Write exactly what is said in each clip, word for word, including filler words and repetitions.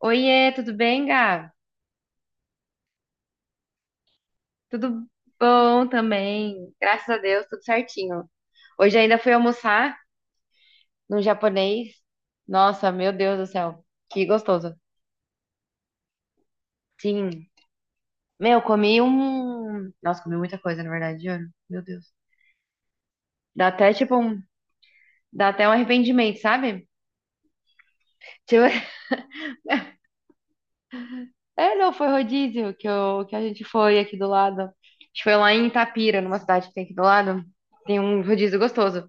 Oiê, tudo bem, Gá? Tudo bom também. Graças a Deus, tudo certinho. Hoje ainda fui almoçar no japonês. Nossa, meu Deus do céu, que gostoso. Sim. Meu, comi um. Nossa, comi muita coisa, na verdade, juro. Meu Deus. Dá até tipo um. Dá até um arrependimento, sabe? Tipo. É, não, foi rodízio que, eu... que a gente foi aqui do lado. A gente foi lá em Itapira, numa cidade que tem aqui do lado. Tem um rodízio gostoso.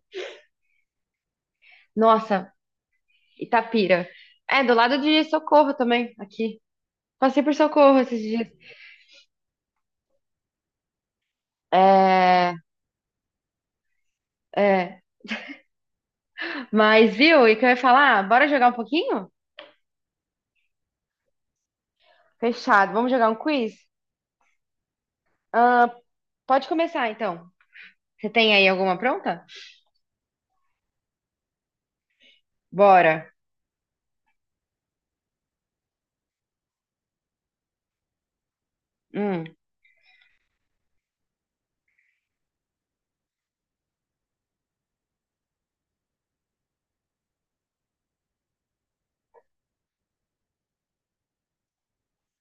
Nossa. Itapira. É, do lado de Socorro também, aqui. Passei por Socorro esses dias. É, é. Mas, viu, e o que eu ia falar? Bora jogar um pouquinho? Fechado. Vamos jogar um quiz? Ah, pode começar, então. Você tem aí alguma pronta? Bora. Hum,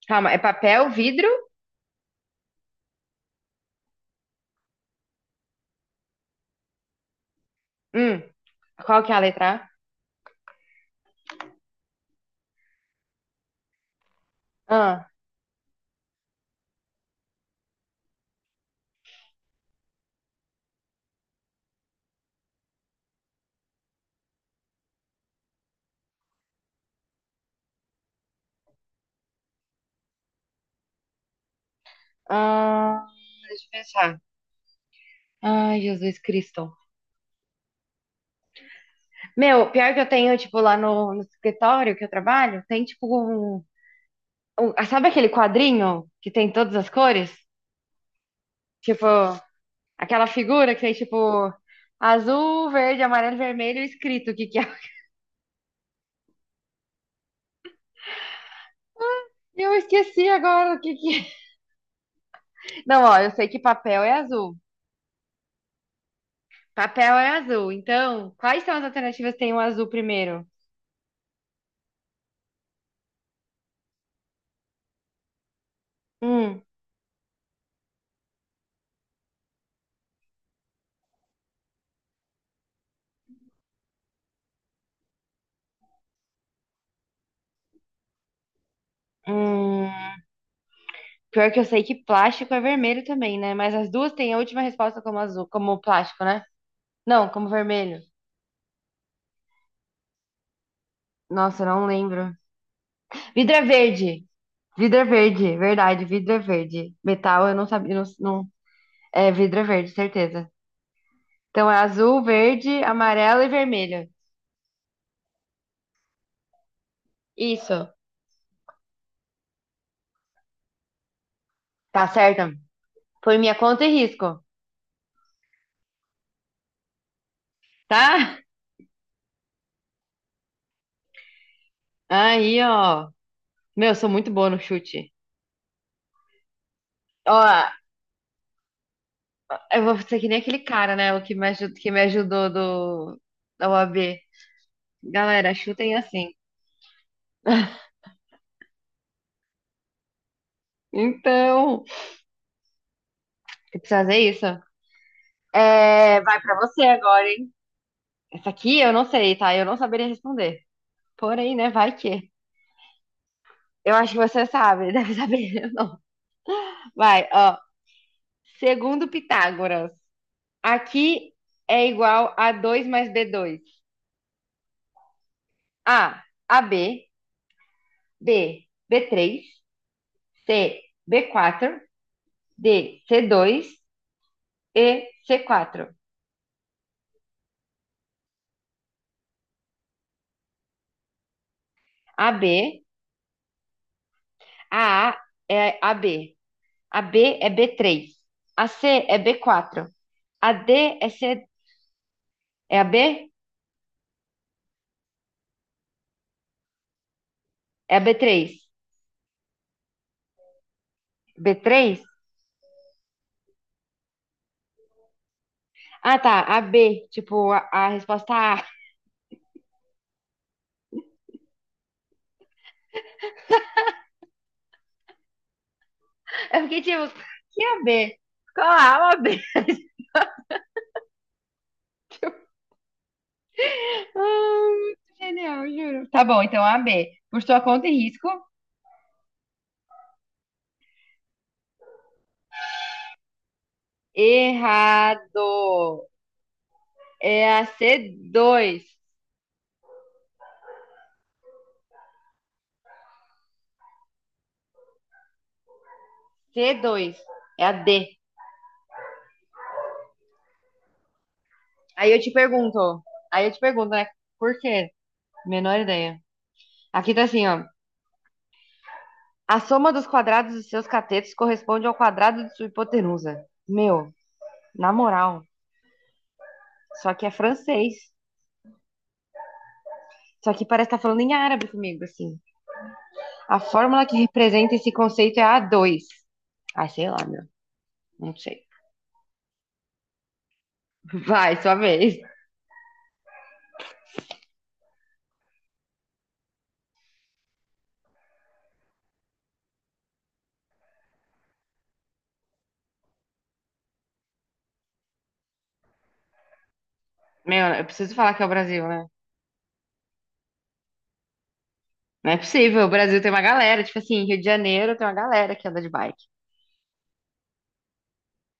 calma, é papel, vidro? Hum, qual que é a letra A? Ah, ah, deixa eu pensar. Ai, Jesus Cristo. Meu, pior que eu tenho, tipo, lá no, no escritório que eu trabalho, tem, tipo, um um- ah, sabe aquele quadrinho que tem todas as cores? Tipo, aquela figura que tem tipo azul, verde, amarelo, vermelho escrito o que que é. Eu esqueci agora o que que é. Não, ó, eu sei que papel é azul. Papel é azul. Então, quais são as alternativas que tem o azul primeiro? Hum, hum, pior que eu sei que plástico é vermelho também, né? Mas as duas têm a última resposta como azul, como plástico, né? Não, como vermelho. Nossa, eu não lembro. Vidro é verde. Vidro é verde, verdade, vidro é verde. Metal, eu não sabia, não, não- é, vidro é verde, certeza. Então é azul, verde, amarelo e vermelho. Isso, tá certo. Foi minha conta e risco, tá? Aí, ó. Meu, eu sou muito boa no chute. Ó, eu vou ser que nem aquele cara, né? O que me ajudou, que me ajudou do, da O A B. Galera, chutem assim. Então, eu preciso fazer isso. É, vai pra você agora, hein? Essa aqui eu não sei, tá? Eu não saberia responder. Porém, né? Vai que. Eu acho que você sabe, deve saber. Eu não. Vai, ó. Segundo Pitágoras, aqui é igual a dois mais b dois A, AB, B, b três C, b quatro D, c dois e C quatro. AB, a A é AB, AB é B três, AC é B quatro, AD é C, é AB, é b três b três Ah, tá. A B. Tipo, a, a resposta A. Eu fiquei tipo, que é A B? Qual A? A B. Ah, muito genial, juro. Tá bom, então A B. Por sua conta e risco. Errado. É a c dois. C dois. É a D. Aí eu te pergunto. Aí eu te pergunto, né? Por quê? Menor ideia. Aqui tá assim, ó. A soma dos quadrados dos seus catetos corresponde ao quadrado de sua hipotenusa. Meu, na moral. Só que é francês. Só que parece estar falando em árabe comigo, assim. A fórmula que representa esse conceito é a dois. 2. Ai, sei lá, meu. Não sei. Vai, sua vez. Meu, eu preciso falar que é o Brasil, né? Não é possível. O Brasil tem uma galera. Tipo assim, Rio de Janeiro tem uma galera que anda de bike.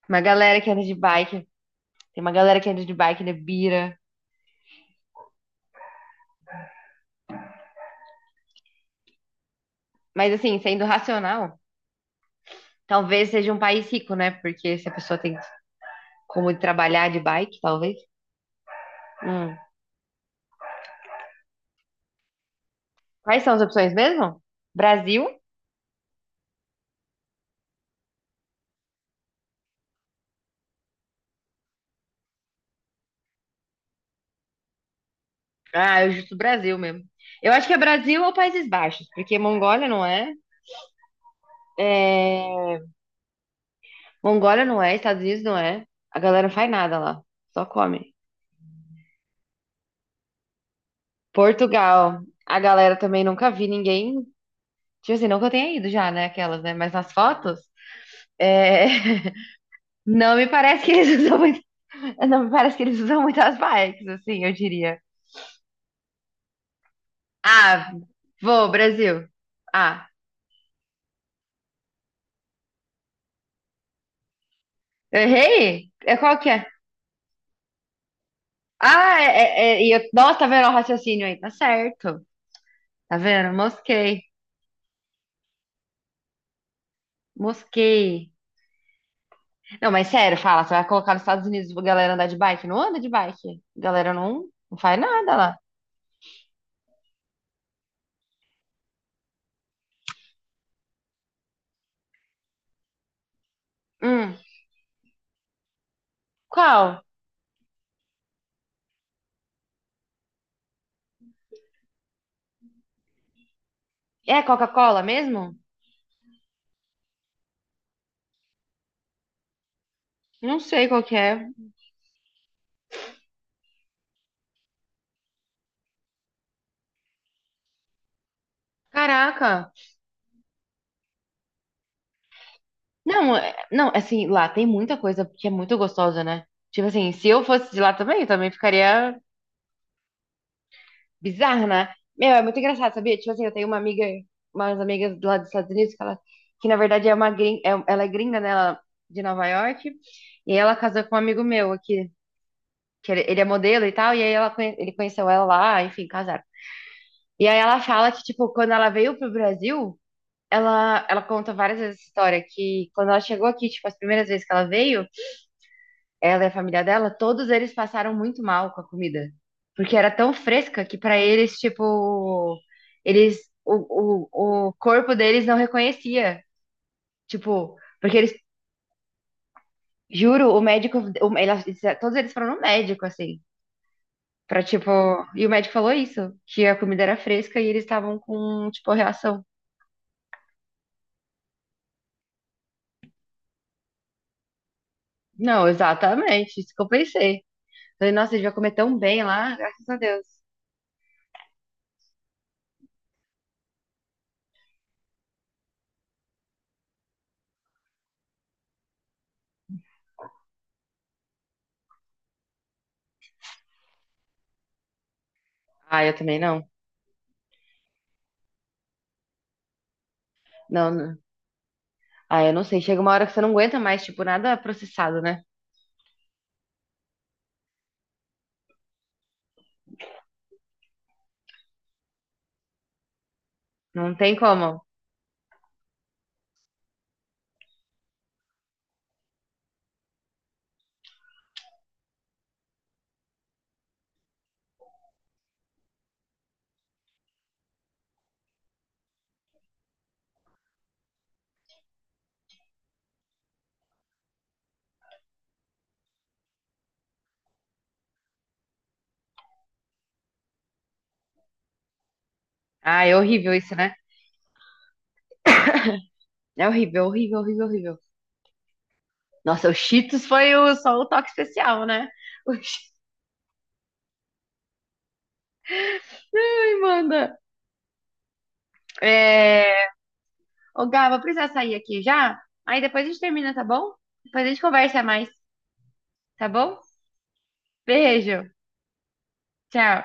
Uma galera que anda de bike. Tem uma galera que anda de bike na Bira. Mas assim, sendo racional, talvez seja um país rico, né? Porque se a pessoa tem como trabalhar de bike, talvez. Hum. Quais são as opções mesmo? Brasil, ah, eu justo Brasil mesmo. Eu acho que é Brasil ou Países Baixos, porque Mongólia não é. É, Mongólia não é, Estados Unidos não é. A galera não faz nada lá, só come. Portugal, a galera também nunca vi ninguém. Tipo assim, não que eu tenha ido já, né? Aquelas, né? Mas nas fotos, é, não me parece que eles usam muito. Não me parece que eles usam muitas bikes, assim, eu diria. Ah, vou, Brasil. Ah, eu errei? É qual que é? Ah, é, é, é, e eu- nossa, tá vendo o raciocínio aí? Tá certo. Tá vendo? Mosquei. Mosquei. Não, mas sério, fala, você vai colocar nos Estados Unidos pra galera andar de bike? Não anda de bike. Galera não, não faz nada lá. Hum. Qual? É Coca-Cola mesmo? Não sei qual que é. Caraca. Não, é- não, assim, lá tem muita coisa que é muito gostosa, né? Tipo assim, se eu fosse de lá também, eu também ficaria bizarro, né? Meu, é muito engraçado, sabia? Tipo assim, eu tenho uma amiga, umas amigas lá dos Estados Unidos, que, ela, que na verdade é uma gringa, ela é gringa, né? Ela, é de Nova York, e ela casou com um amigo meu aqui, que ele ele é modelo e tal, e aí ela, conhe- ele conheceu ela lá, enfim, casaram. E aí ela fala que, tipo, quando ela veio pro Brasil, ela, ela conta várias vezes essa história, que quando ela chegou aqui, tipo, as primeiras vezes que ela veio, ela e a família dela, todos eles passaram muito mal com a comida. Porque era tão fresca que pra eles, tipo, eles o, o, o corpo deles não reconhecia. Tipo, porque eles, juro, o médico, o- ela- todos eles foram no médico, assim, pra, tipo, e o médico falou isso, que a comida era fresca e eles estavam com, tipo, reação. Não, exatamente, isso que eu pensei. Falei, nossa, a gente vai comer tão bem lá, graças a Deus. Ah, eu também não. Não, ah, eu não sei. Chega uma hora que você não aguenta mais, tipo, nada processado, né? Não tem como. Ah, é horrível isso, né? É horrível, horrível, horrível, horrível. Nossa, o Cheetos foi o- só o toque especial, né? O Cheetos manda. É. Ô, Gá, vou precisar sair aqui já. Aí depois a gente termina, tá bom? Depois a gente conversa mais, tá bom? Beijo. Tchau.